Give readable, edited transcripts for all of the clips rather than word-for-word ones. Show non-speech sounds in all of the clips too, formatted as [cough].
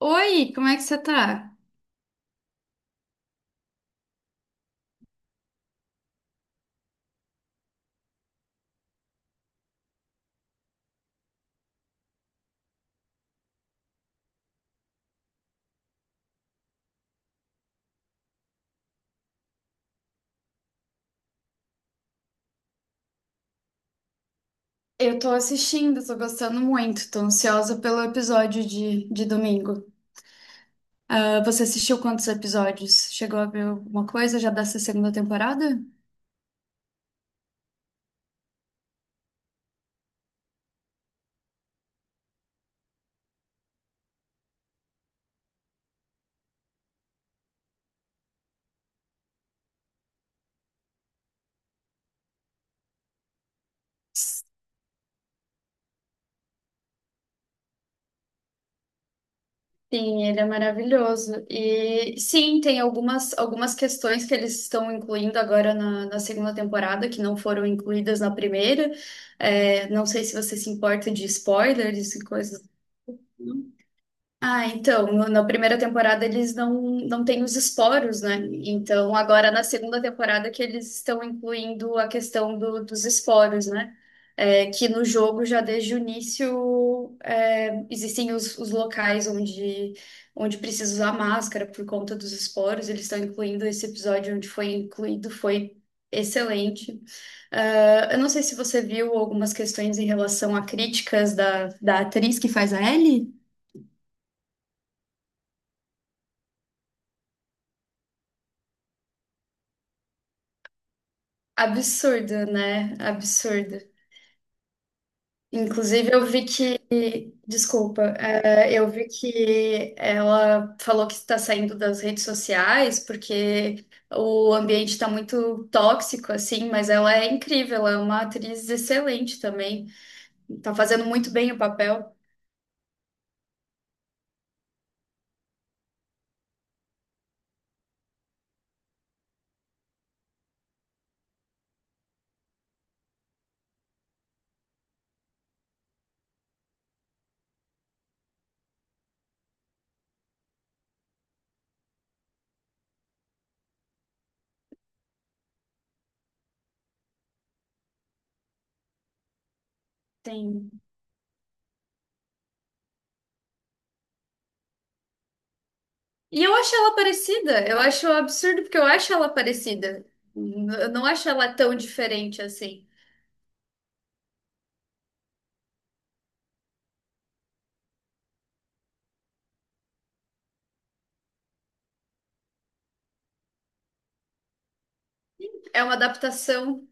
Oi, como é que você tá? Eu tô assistindo, tô gostando muito, tô ansiosa pelo episódio de domingo. Ah, você assistiu quantos episódios? Chegou a ver alguma coisa já dessa segunda temporada? Sim, ele é maravilhoso. E sim, tem algumas questões que eles estão incluindo agora na segunda temporada que não foram incluídas na primeira. É, não sei se você se importa de spoilers e coisas assim. Ah, então, na primeira temporada eles não, não têm os esporos, né? Então, agora na segunda temporada que eles estão incluindo a questão dos esporos, né? É, que no jogo já desde o início é, existem os locais onde precisa usar máscara por conta dos esporos. Eles estão incluindo esse episódio onde foi incluído, foi excelente. Ah, eu não sei se você viu algumas questões em relação a críticas da atriz que faz a Ellie. Absurdo, né? Absurdo. Inclusive, eu vi que. Desculpa, é, eu vi que ela falou que está saindo das redes sociais porque o ambiente está muito tóxico, assim, mas ela é incrível, ela é uma atriz excelente também. Tá fazendo muito bem o papel. Tem... E eu acho ela parecida, eu acho absurdo porque eu acho ela parecida. Eu não acho ela tão diferente assim. É uma adaptação.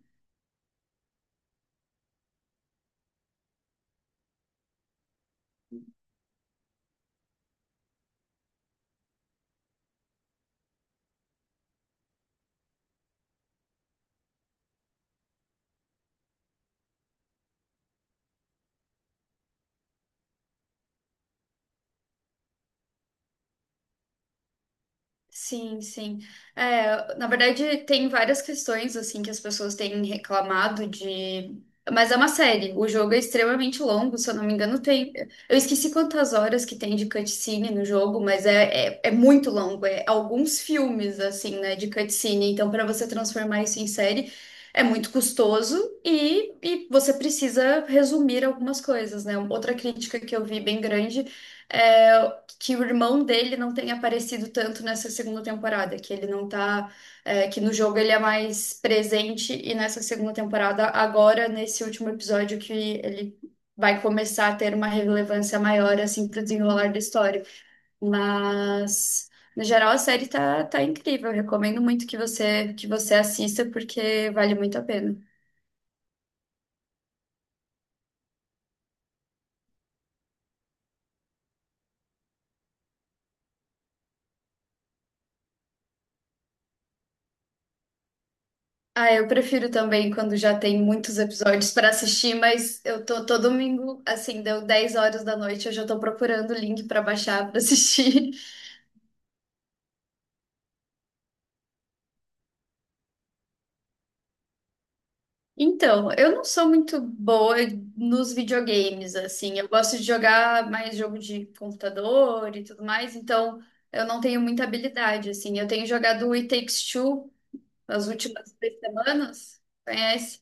Sim, sim. É, na verdade, tem várias questões assim que as pessoas têm reclamado de. Mas é uma série. O jogo é extremamente longo, se eu não me engano, tem. Eu esqueci quantas horas que tem de cutscene no jogo, mas é muito longo. É alguns filmes, assim, né, de cutscene. Então, para você transformar isso em série, é muito custoso e você precisa resumir algumas coisas, né? Outra crítica que eu vi bem grande é que o irmão dele não tenha aparecido tanto nessa segunda temporada, que ele não tá, é, que no jogo ele é mais presente e nessa segunda temporada, agora nesse último episódio que ele vai começar a ter uma relevância maior assim pro desenrolar da história. Mas no geral a série tá incrível, eu recomendo muito que você assista porque vale muito a pena. Ah, eu prefiro também quando já tem muitos episódios para assistir, mas eu tô todo domingo, assim, deu 10 horas da noite, eu já tô procurando o link para baixar para assistir. [laughs] Então, eu não sou muito boa nos videogames, assim, eu gosto de jogar mais jogo de computador e tudo mais, então eu não tenho muita habilidade, assim. Eu tenho jogado o It Takes Two nas últimas 3 semanas, conhece?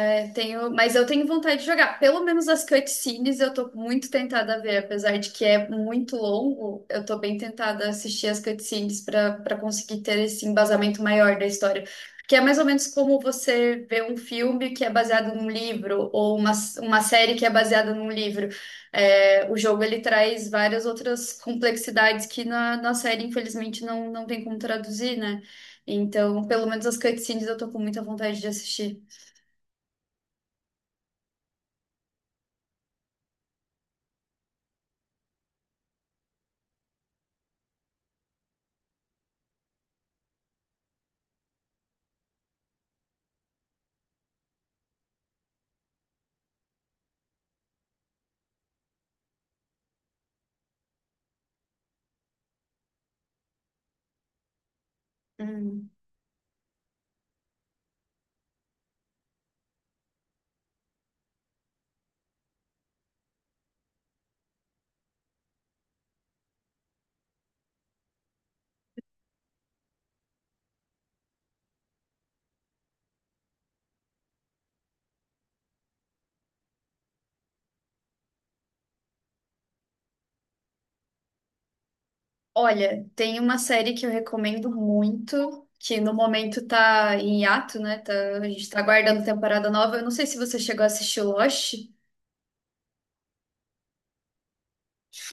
É, tenho, mas eu tenho vontade de jogar. Pelo menos as cutscenes eu tô muito tentada a ver, apesar de que é muito longo, eu tô bem tentada a assistir as cutscenes para conseguir ter esse embasamento maior da história. Que é mais ou menos como você vê um filme que é baseado num livro, ou uma série que é baseada num livro. É, o jogo ele traz várias outras complexidades que na série, infelizmente, não tem como traduzir, né? Então, pelo menos as cutscenes eu tô com muita vontade de assistir. Hum. Olha, tem uma série que eu recomendo muito, que no momento tá em hiato, né? A gente tá aguardando temporada nova. Eu não sei se você chegou a assistir Lost.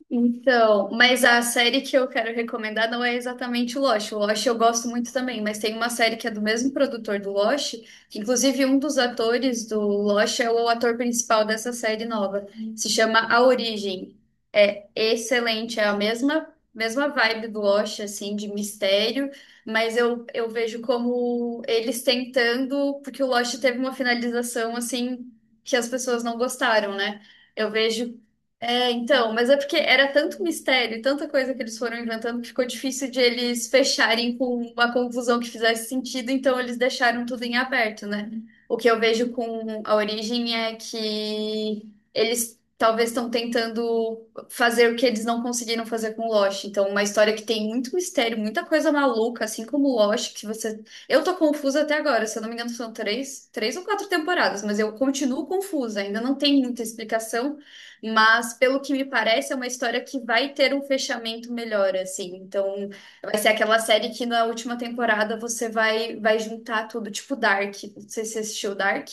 Então, mas a série que eu quero recomendar não é exatamente o Lost. O Lost eu gosto muito também, mas tem uma série que é do mesmo produtor do Lost, que inclusive um dos atores do Lost é o ator principal dessa série nova. Se chama A Origem. É excelente, é a mesma vibe do Lost assim de mistério, mas eu vejo como eles tentando, porque o Lost teve uma finalização assim que as pessoas não gostaram, né? Eu vejo é, então, mas é porque era tanto mistério, e tanta coisa que eles foram inventando que ficou difícil de eles fecharem com uma conclusão que fizesse sentido, então eles deixaram tudo em aberto, né? O que eu vejo com A Origem é que eles talvez estão tentando fazer o que eles não conseguiram fazer com Lost. Então, uma história que tem muito mistério, muita coisa maluca, assim como Lost, que você. Eu tô confusa até agora, se eu não me engano, são três ou quatro temporadas, mas eu continuo confusa, ainda não tem muita explicação. Mas, pelo que me parece, é uma história que vai ter um fechamento melhor, assim. Então, vai ser aquela série que na última temporada você vai juntar tudo, tipo Dark. Não sei se você assistiu Dark.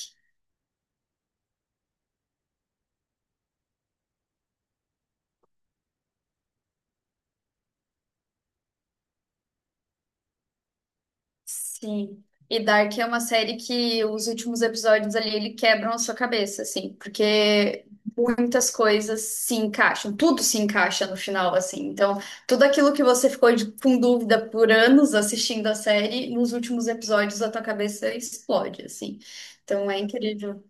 Sim. E Dark é uma série que os últimos episódios ali ele quebram a sua cabeça, assim, porque muitas coisas se encaixam, tudo se encaixa no final, assim. Então, tudo aquilo que você ficou com dúvida por anos assistindo a série, nos últimos episódios a tua cabeça explode, assim. Então é incrível.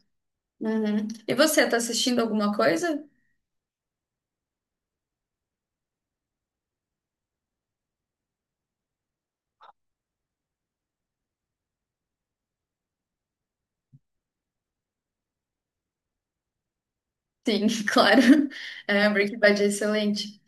Uhum. E você, tá assistindo alguma coisa? Sim, [laughs] claro. É, Breaking Bad é excelente.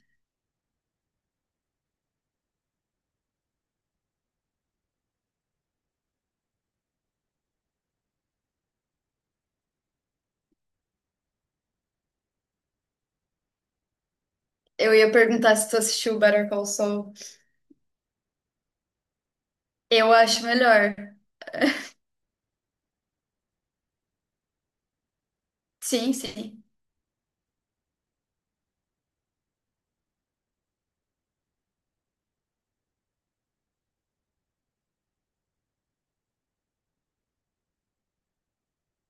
Eu ia perguntar se tu assistiu Better Call Saul. Eu acho melhor. Sim, sim.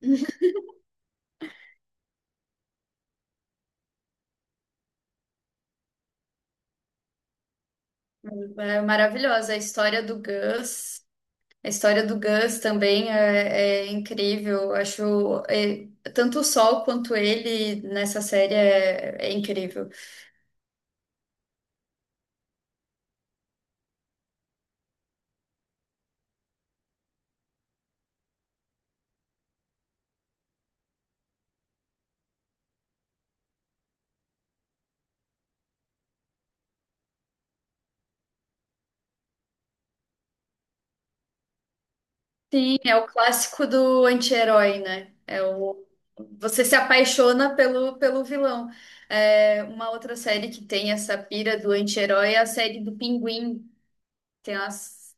[laughs] É maravilhosa. A história do Gus. A história do Gus também é incrível. Acho é, tanto o Sol quanto ele nessa série é incrível. Sim, é o clássico do anti-herói, né? É o, você se apaixona pelo vilão. É, uma outra série que tem essa pira do anti-herói é a série do Pinguim. Tem as,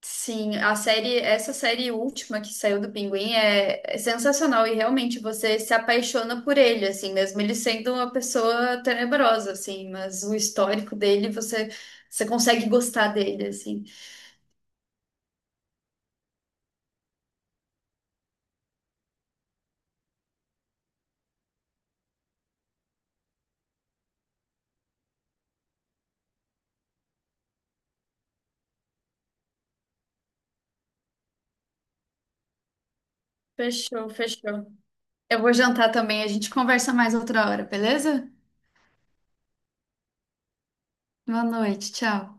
sim, a série, essa série última que saiu do Pinguim é sensacional e realmente você se apaixona por ele, assim, mesmo ele sendo uma pessoa tenebrosa, assim, mas o histórico dele, você, você consegue gostar dele, assim. Fechou, fechou. Eu vou jantar também, a gente conversa mais outra hora, beleza? Boa noite, tchau.